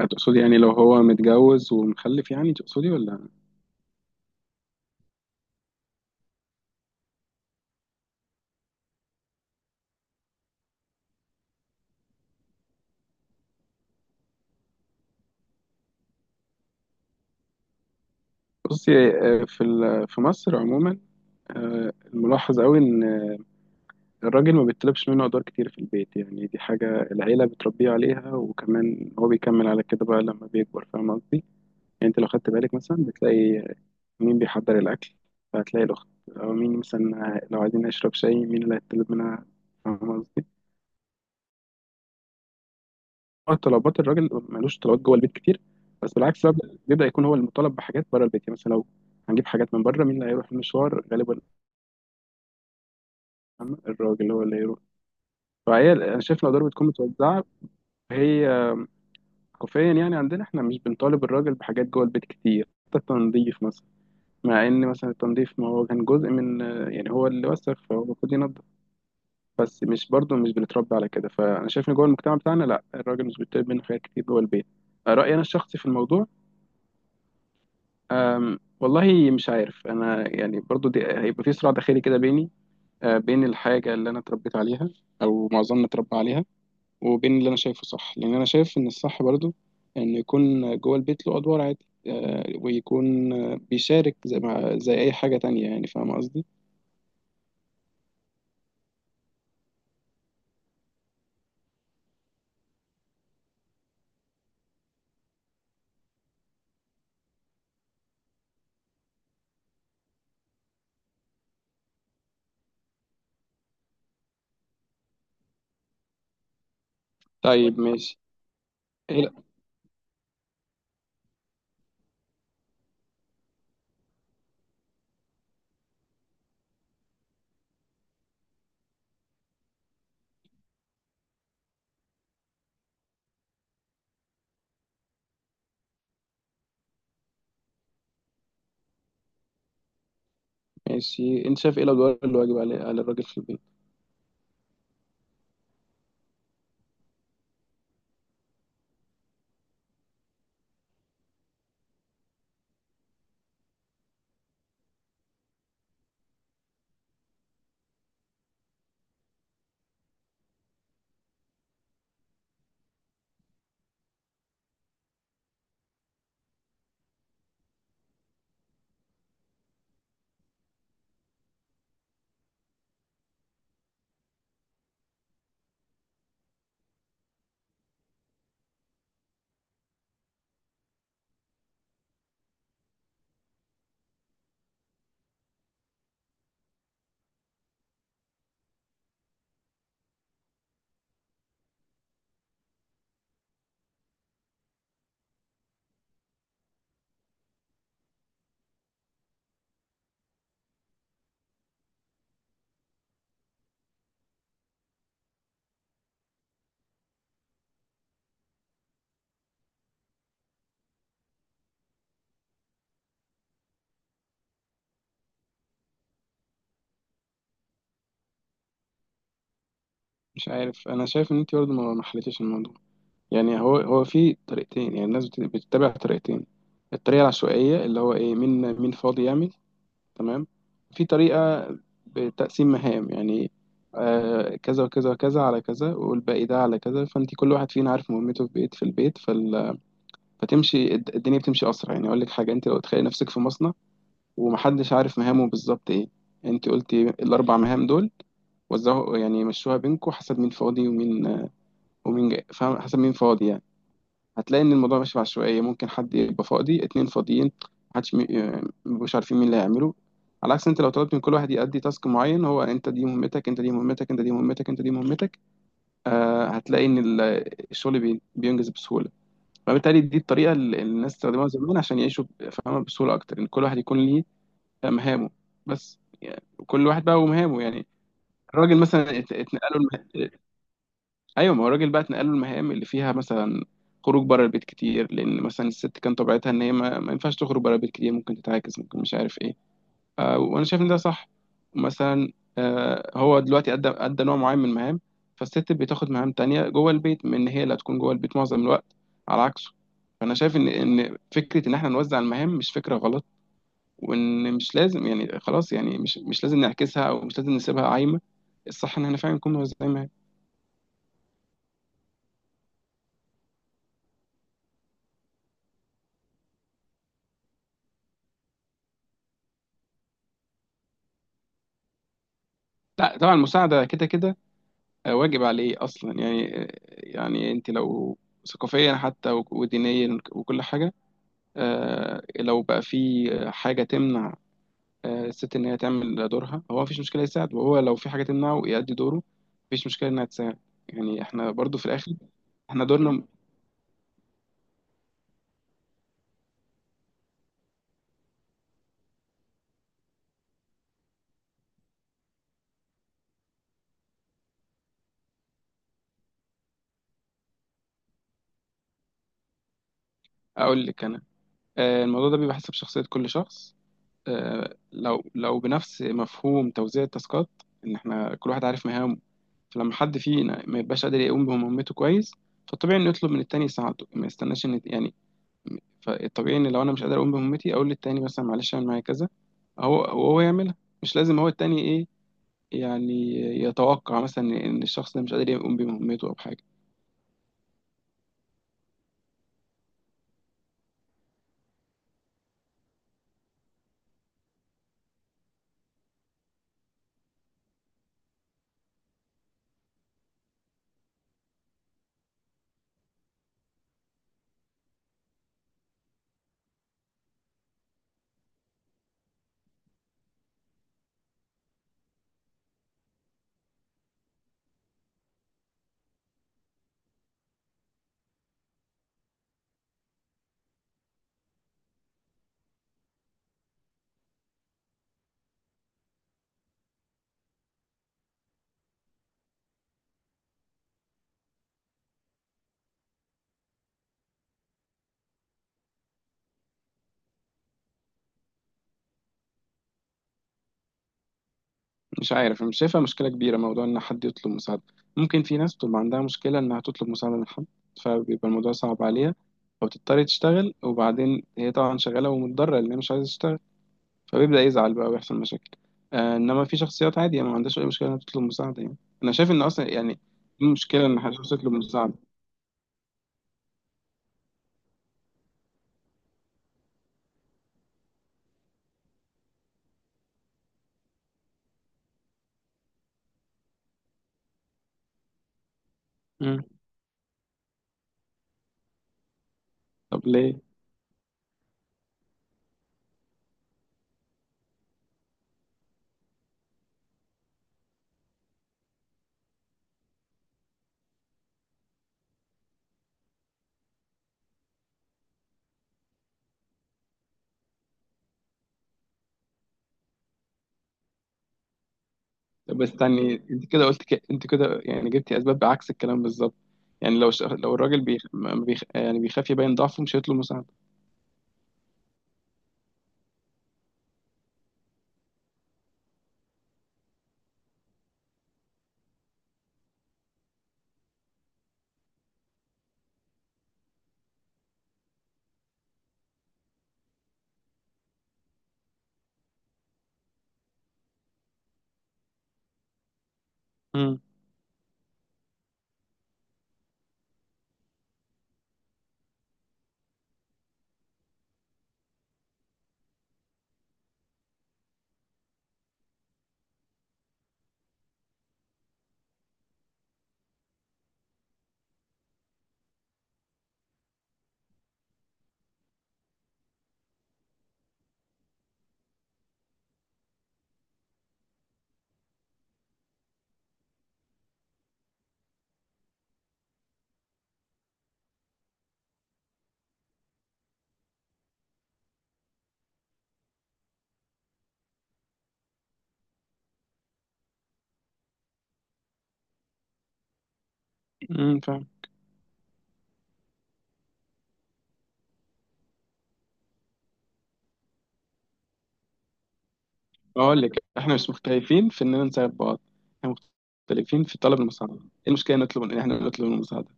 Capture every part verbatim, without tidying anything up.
هتقصدي يعني لو هو متجوز ومخلف يعني تقصدي ولا؟ بصي آه، في ال- في مصر عموما. آه، الملاحظ قوي ان الراجل ما بيطلبش منه ادوار كتير في البيت، يعني دي حاجه العيله بتربيه عليها، وكمان هو بيكمل على كده بقى لما بيكبر. فاهم قصدي؟ يعني انت لو خدت بالك مثلا بتلاقي مين بيحضر الاكل، فهتلاقي الاخت. او مين مثلا لو عايزين نشرب شاي مين اللي هيطلب منها؟ فاهم قصدي؟ آه، طلبات الراجل، ملوش طلبات جوه البيت كتير. بس بالعكس بقى، بيبدأ يكون هو المطالب بحاجات بره البيت. يعني مثلا لو هنجيب حاجات من بره مين اللي هيروح المشوار غالبا؟ الراجل هو اللي هيروح. فهي انا شايف الادوار بتكون متوزعه، هي كوفيا يعني. عندنا احنا مش بنطالب الراجل بحاجات جوه البيت كتير، حتى التنظيف مثلا. مع ان مثلا التنظيف، ما هو كان جزء من، يعني هو اللي وسخ فهو المفروض ينظف. بس مش برضه، مش بنتربى على كده. فانا شايف ان جوه المجتمع بتاعنا لا، الراجل مش بيطلب منه حاجات كتير جوه البيت. رأيي انا الشخصي في الموضوع. أم، والله مش عارف انا، يعني برضو دي هيبقى في صراع داخلي كده بيني، أه، بين الحاجه اللي انا اتربيت عليها، او معظمنا اتربى عليها، وبين اللي انا شايفه صح. لان انا شايف ان الصح برضو ان يكون جوه البيت له ادوار عادي، أه، ويكون أه، بيشارك زي ما زي اي حاجه تانية يعني. فاهم قصدي؟ طيب ماشي. ايه، لا. ماشي، انت شايف ايه الادوار اللي واجب على على الراجل في البيت؟ مش عارف، انا شايف ان انت برضو ما ما حليتيش الموضوع. يعني هو هو في طريقتين، يعني الناس بت- بتتبع طريقتين. الطريقة العشوائية، اللي هو ايه، مين مين فاضي يعمل. تمام. في طريقة بتقسيم مهام، يعني آه كذا وكذا وكذا على كذا والباقي ده على كذا. فانت كل واحد فينا عارف مهمته في بيت في البيت، فال... فتمشي الد- الدنيا، بتمشي اسرع. يعني اقول لك حاجة، انت لو تخيلي نفسك في مصنع، ومحدش عارف مهامه بالظبط ايه. انت قلتي الاربع مهام دول وزعوا، يعني مشوها بينكم حسب مين فاضي ومين، ومين جاي. فاهم؟ حسب مين فاضي يعني. هتلاقي ان الموضوع ماشي بعشوائيه، ممكن حد يبقى فاضي، اتنين فاضيين، محدش مي- آه، مبقوش عارفين مين اللي هيعمله. على عكس انت لو طلبت من كل واحد يأدي تاسك معين، هو انت دي مهمتك، انت دي مهمتك، انت دي مهمتك، انت دي مهمتك، آه هتلاقي ان ال- الشغل بي- بينجز بسهوله. فبالتالي دي الطريقه اللي الناس استخدموها زمان عشان يعيشوا ب- فاهمه، بسهوله اكتر، ان كل واحد يكون ليه مهامه. بس يعني كل واحد بقى ومهامه يعني. الراجل مثلا ات- اتنقل له. ايوه، ما هو الراجل بقى اتنقل له المهام اللي فيها مثلا خروج بره البيت كتير، لان مثلا الست كان طبيعتها ان هي ما, ما ينفعش تخرج بره البيت كتير، ممكن تتعاكس، ممكن مش عارف ايه. آه، وانا شايف ان ده صح. مثلا آه هو دلوقتي ادى ادى نوع معين من المهام، فالست بتاخد مهام تانية جوه البيت من ان هي اللي هتكون جوه البيت معظم الوقت، على عكسه. فانا شايف ان ان فكره ان احنا نوزع المهام مش فكره غلط، وان مش لازم يعني خلاص، يعني مش مش لازم نعكسها او مش لازم نسيبها عايمه. الصح ان احنا فعلا نكون موزعين مهام. لا طبعا، المساعده كده كده آه، واجب عليه اصلا يعني. آه، يعني انت لو ثقافيا حتى و- ودينيا وكل حاجه، آه، لو بقى في حاجه تمنع آه، الست ان هي تعمل دورها هو، مفيش مشكله يساعد. وهو لو في حاجه تمنعه يأدي دوره، مفيش مشكله انها تساعد. يعني احنا برضو في الاخر احنا دورنا. اقول لك انا، آه، الموضوع ده بيبقى حسب شخصيه كل شخص. آه، لو لو بنفس مفهوم توزيع التاسكات، ان احنا كل واحد عارف مهامه، فلما حد فينا ما يبقاش قادر يقوم بمهمته كويس، فالطبيعي انه يطلب من التاني يساعده، ما يستناش ان يعني. فالطبيعي ان لو انا مش قادر اقوم بمهمتي اقول للتاني مثلا معلش اعمل معايا كذا، هو وهو يعملها. مش لازم هو التاني ايه، يعني يتوقع مثلا ان الشخص ده مش قادر يقوم بمهمته او بحاجه. مش عارف، أنا مش شايفها مشكله كبيره موضوع ان حد يطلب مساعده. ممكن في ناس بتبقى عندها مشكله انها تطلب مساعده من حد، فبيبقى الموضوع صعب عليها، او تضطر تشتغل وبعدين هي طبعا شغاله ومتضرره لان هي مش عايزه تشتغل، فبيبدأ يزعل بقى ويحصل مشاكل. آه، انما في شخصيات عادي، يعني ما عندهاش اي مشكله انها تطلب مساعده يعني. انا شايف ان اصلا يعني دي مشكله ان حد تطلب مساعده. مم. طب ليه؟ طب استني، انت كده قلت ك... انت كده يعني جبتي اسباب بعكس الكلام بالظبط. يعني لو ش... لو الراجل بيخ... ما بيخ... آه، يعني بيخاف يبين ضعفه، مش هيطلب مساعده. مم. مم، فاهم. اقول لك، احنا مش مختلفين في اننا نساعد بعض، احنا مختلفين في طلب المساعده. ايه المشكله نطلب ان احنا نطلب المساعده؟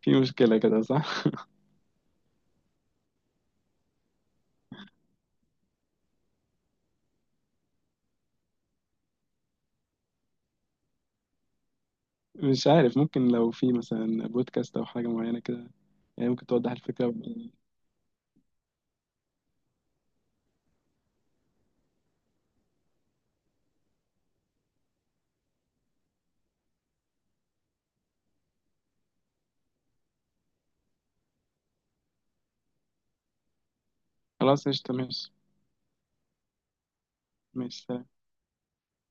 في مشكله كده صح؟ مش عارف، ممكن لو في مثلا بودكاست او حاجه معينه كده، يعني ممكن توضح الفكره. خلاص قشطه، ماشي. ماشي.